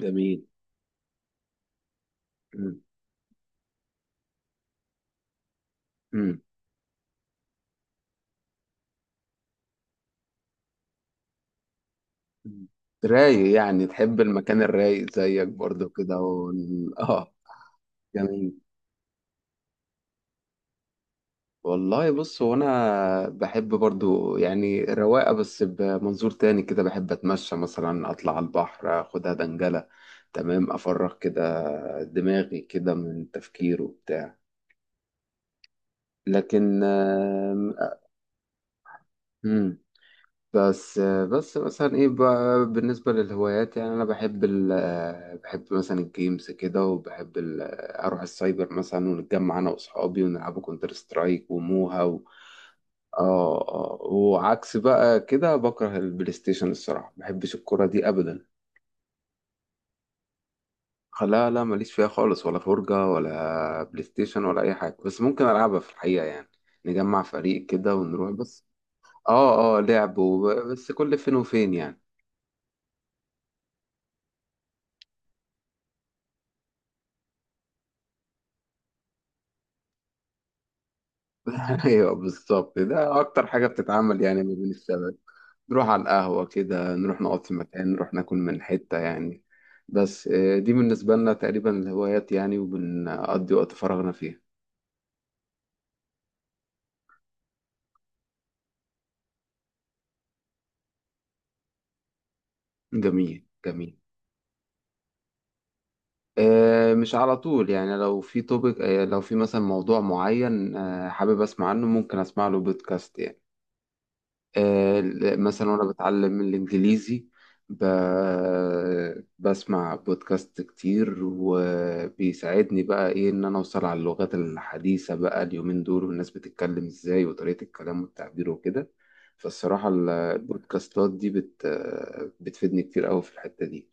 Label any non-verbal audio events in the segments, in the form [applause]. جميل. مم. مم. مم. رايق، يعني تحب المكان الرايق زيك برضو كده [laughs] اه. جميل. والله، بص، هو انا بحب برضو يعني الرواقه، بس بمنظور تاني كده بحب اتمشى مثلا، اطلع على البحر، اخدها دنجله تمام، افرغ كده دماغي كده من تفكير وبتاع. لكن... آم، بس مثلا ايه بقى بالنسبة للهوايات، يعني انا بحب ال آه، بحب مثلا الجيمز كده، وبحب ال آه، اروح السايبر مثلا، ونتجمع انا واصحابي ونلعبوا كونتر سترايك وموها اه، اه، وعكس بقى كده بكره البلاي ستيشن، الصراحة ما بحبش الكرة دي ابدا. لا، لا، ماليش فيها خالص، ولا فرجة ولا بلاي ستيشن ولا اي حاجة، بس ممكن العبها في الحقيقة يعني. نجمع فريق كده ونروح بس. اه، اه، لعب بس كل فين وفين يعني. [laughs] ايوه، بالظبط، ده اكتر حاجه بتتعمل يعني ما بين الشباب. نروح على القهوه كده، نروح نقعد في مكان، نروح ناكل من حته يعني. بس، دي بالنسبه لنا تقريبا الهوايات يعني، وبنقضي وقت فراغنا فيها. جميل، جميل. مش على طول يعني، لو في توبيك، لو في مثلا موضوع معين حابب اسمع عنه، ممكن اسمع له بودكاست يعني. آه، مثلا وانا بتعلم الانجليزي، ب... بسمع بودكاست كتير، وبيساعدني بقى ايه، ان انا اوصل على اللغات الحديثة بقى اليومين دول، والناس بتتكلم ازاي، وطريقة الكلام والتعبير وكده. فالصراحة البودكاستات دي بتفيدني كتير قوي في الحتة دي.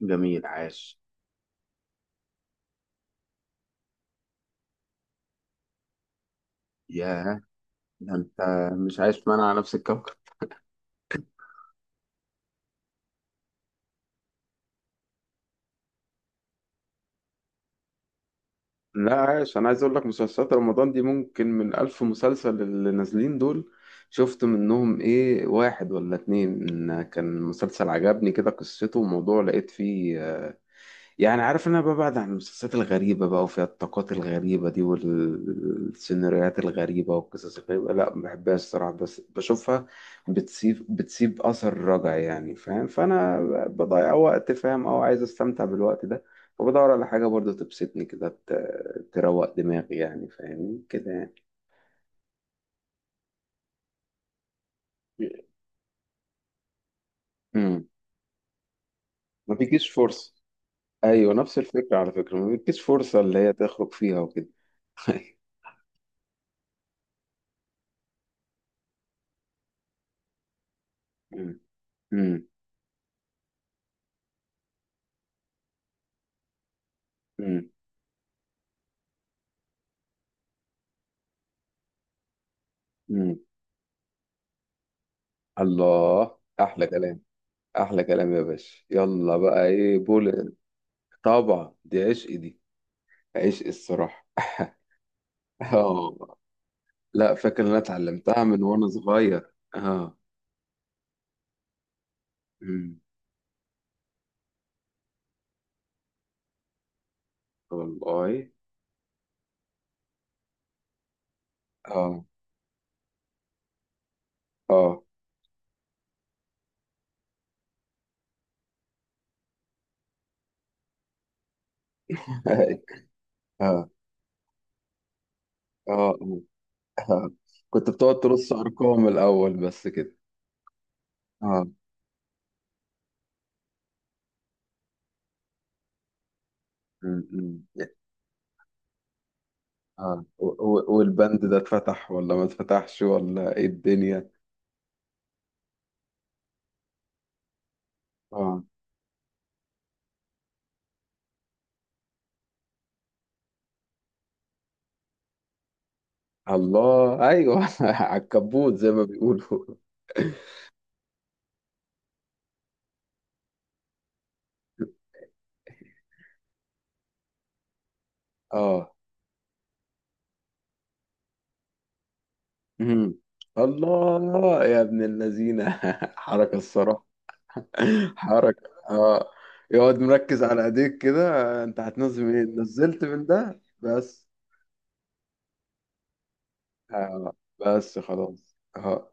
جميل، عاش. ياه. ده انت مش عايش معانا على نفس الكوكب. لا، عايش. انا عايز اقول لك، مسلسلات رمضان دي، ممكن من الف مسلسل اللي نازلين دول، شفت منهم ايه؟ واحد ولا اتنين كان مسلسل عجبني كده قصته، وموضوع لقيت فيه. يعني، عارف ان انا ببعد عن المسلسلات الغريبة بقى، وفيها الطاقات الغريبة دي، والسيناريوهات الغريبة والقصص الغريبة. لا، ما بحبهاش الصراحة، بس بشوفها. بتسيب اثر رجعي يعني، فاهم؟ فانا بضيع وقت، فاهم؟ او عايز استمتع بالوقت ده. فبدور على حاجة برضو تبسطني كده، تروق دماغي يعني، فاهمني كده يعني. امم ما بيجيش فرصة. ايوه، نفس الفكرة. على فكرة، ما بيجيش فرصة اللي هي تخرج فيها وكده. [laughs] مم. مم. مم. مم. الله، احلى كلام. احلى كلام يا باشا، يلا بقى، ايه بول. طبعا، دي عشق دي. عشق الصراحه. [laughs] اه. لا، فاكر ان انا اتعلمتها من وانا صغير اه. أمم. والله. اه، اه. [laughs] اه، اه، كنت بتقعد ترص ارقام الاول بس كده. اه. أمم، أمم. اه. والبند ده اتفتح، ولا ما اتفتحش، ولا ايه الدنيا؟ اه الله، ايوه. [laughs] على الكبوت زي ما بيقولوا. اه. مم. الله يا ابن اللذينه. [laughs] حركه الصراحه. [laughs] حركه، اه. يقعد مركز على ايديك كده. انت هتنزل منين؟ نزلت من ده بس. آه. بس خلاص اه.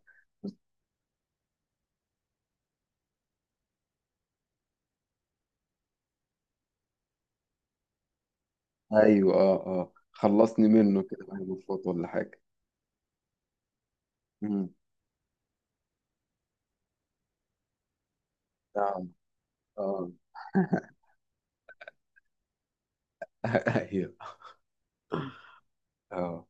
ايوه، اه، اه، خلصني منه كده بقى المفروض، ولا حاجه؟ مم. نعم. اه. [laughs] ايوه. اه.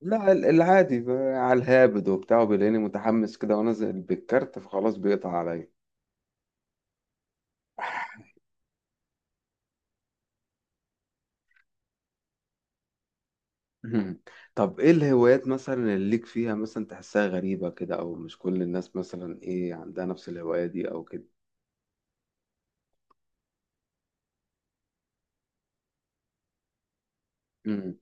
لا، العادي على الهابد وبتاع، وبيلاقيني متحمس كده، بالكارت، فخلاص بيقطع عليا. مم. طب، ايه الهوايات مثلا اللي ليك فيها، مثلا تحسها غريبة كده، او مش كل الناس مثلا ايه عندها نفس الهواية دي او كده؟ امم.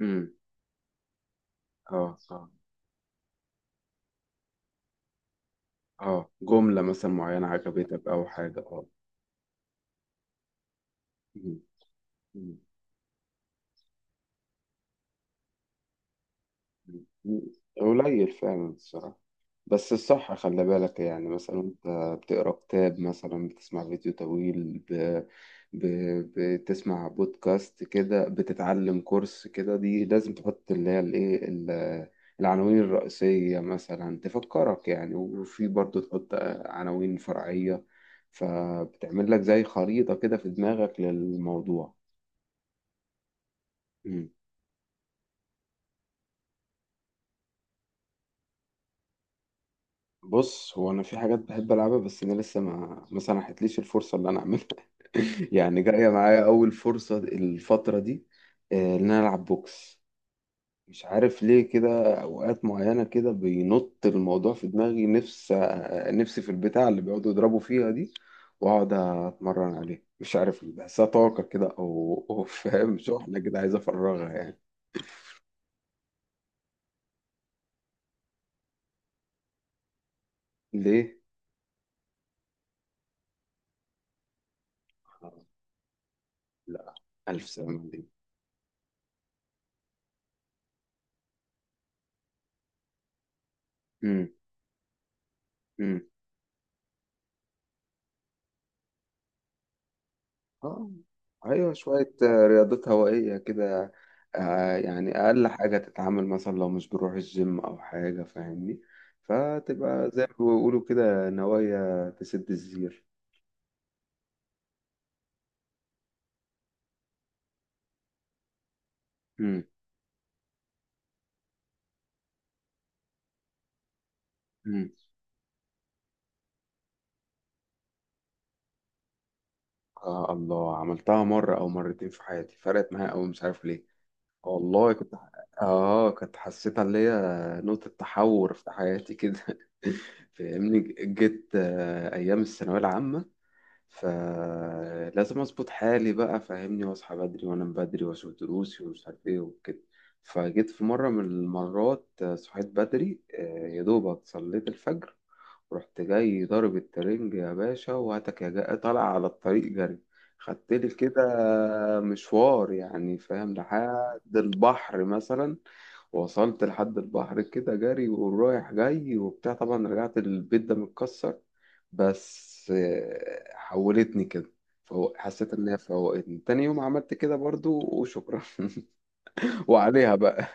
امم. اه، اه، اه، جملة مثلا معينة عجبتك او حاجة؟ اه. مم. مم. مم. قليل فعلا الصراحة. بس الصح خلي بالك، يعني مثلا انت بتقرا كتاب مثلا، بتسمع فيديو طويل، ب... بتسمع بودكاست كده، بتتعلم كورس كده، دي لازم تحط اللي هي الايه، العناوين الرئيسية مثلا تفكرك يعني، وفي برضو تحط عناوين فرعية. فبتعمل لك زي خريطة كده في دماغك للموضوع. بص، هو انا في حاجات بحب العبها، بس انا لسه ما سنحتليش الفرصه اللي انا اعملها. [laughs] يعني جايه معايا اول فرصه الفتره دي. ان انا العب بوكس. مش عارف ليه، كده اوقات معينه كده بينط الموضوع في دماغي، نفس نفسي في البتاع اللي بيقعدوا يضربوا فيها دي. واقعد اتمرن عليه، مش عارف ليه بحسها طاقه كده او [laughs] فاهم؟ شحنه كده عايز افرغها يعني. ليه؟ آه، لا، الف سلامه عليك. اه، ايوه، شوية رياضات هوائية كده. يعني اقل حاجة تتعامل مثلا، لو مش بنروح الجيم او حاجة، فاهمني. فتبقى زي ما بيقولوا كده، نوايا تسد الزير. امم. امم. آه، الله، عملتها مرة أو مرتين في حياتي، فرقت معايا أوي، مش عارف ليه. والله كنت... آه، كنت حسيتها اللي هي نقطة تحول في حياتي كده. [laughs] فاهمني. جيت أيام الثانوية العامة، فلازم اظبط حالي بقى، فاهمني، واصحى بدري وانام بدري واشوف دروسي ومش عارف ايه وكده. فجيت في مرة من المرات، صحيت بدري، يا دوبك صليت الفجر. رحت جاي ضارب الترنج يا باشا، وهاتك يا جاي طالع على الطريق جري. خدت لي كده مشوار يعني، فاهم؟ لحد البحر مثلا. وصلت لحد البحر كده جري، ورايح جاي وبتاع، طبعا رجعت البيت ده متكسر. بس حولتني كده. فهو حسيت ان هي فوقتني، تاني يوم عملت كده برضو وشكرا. [laughs] وعليها بقى.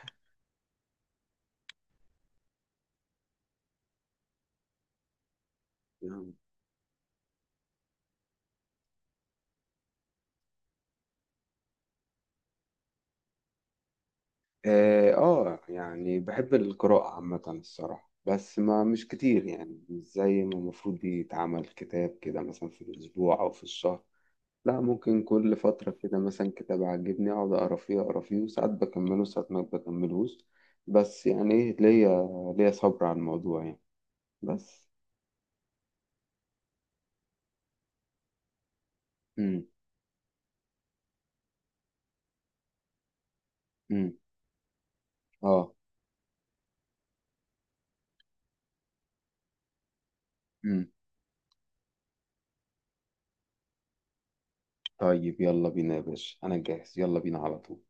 اه. يعني بحب القراءة عامة الصراحة، بس ما مش كتير يعني، مش زي ما المفروض دي يتعمل كتاب كده مثلا في الأسبوع أو في الشهر. لا، ممكن كل فترة كده مثلا كتاب عجبني أقعد أقرا فيه أقرا فيه، وساعات بكمله وساعات ما بكملهوش. بس يعني إيه ليا، ليا صبر على الموضوع يعني، بس. مم. مم. آه. مم. طيب، يلا بينا يا باشا، أنا جاهز، يلا بينا على طول.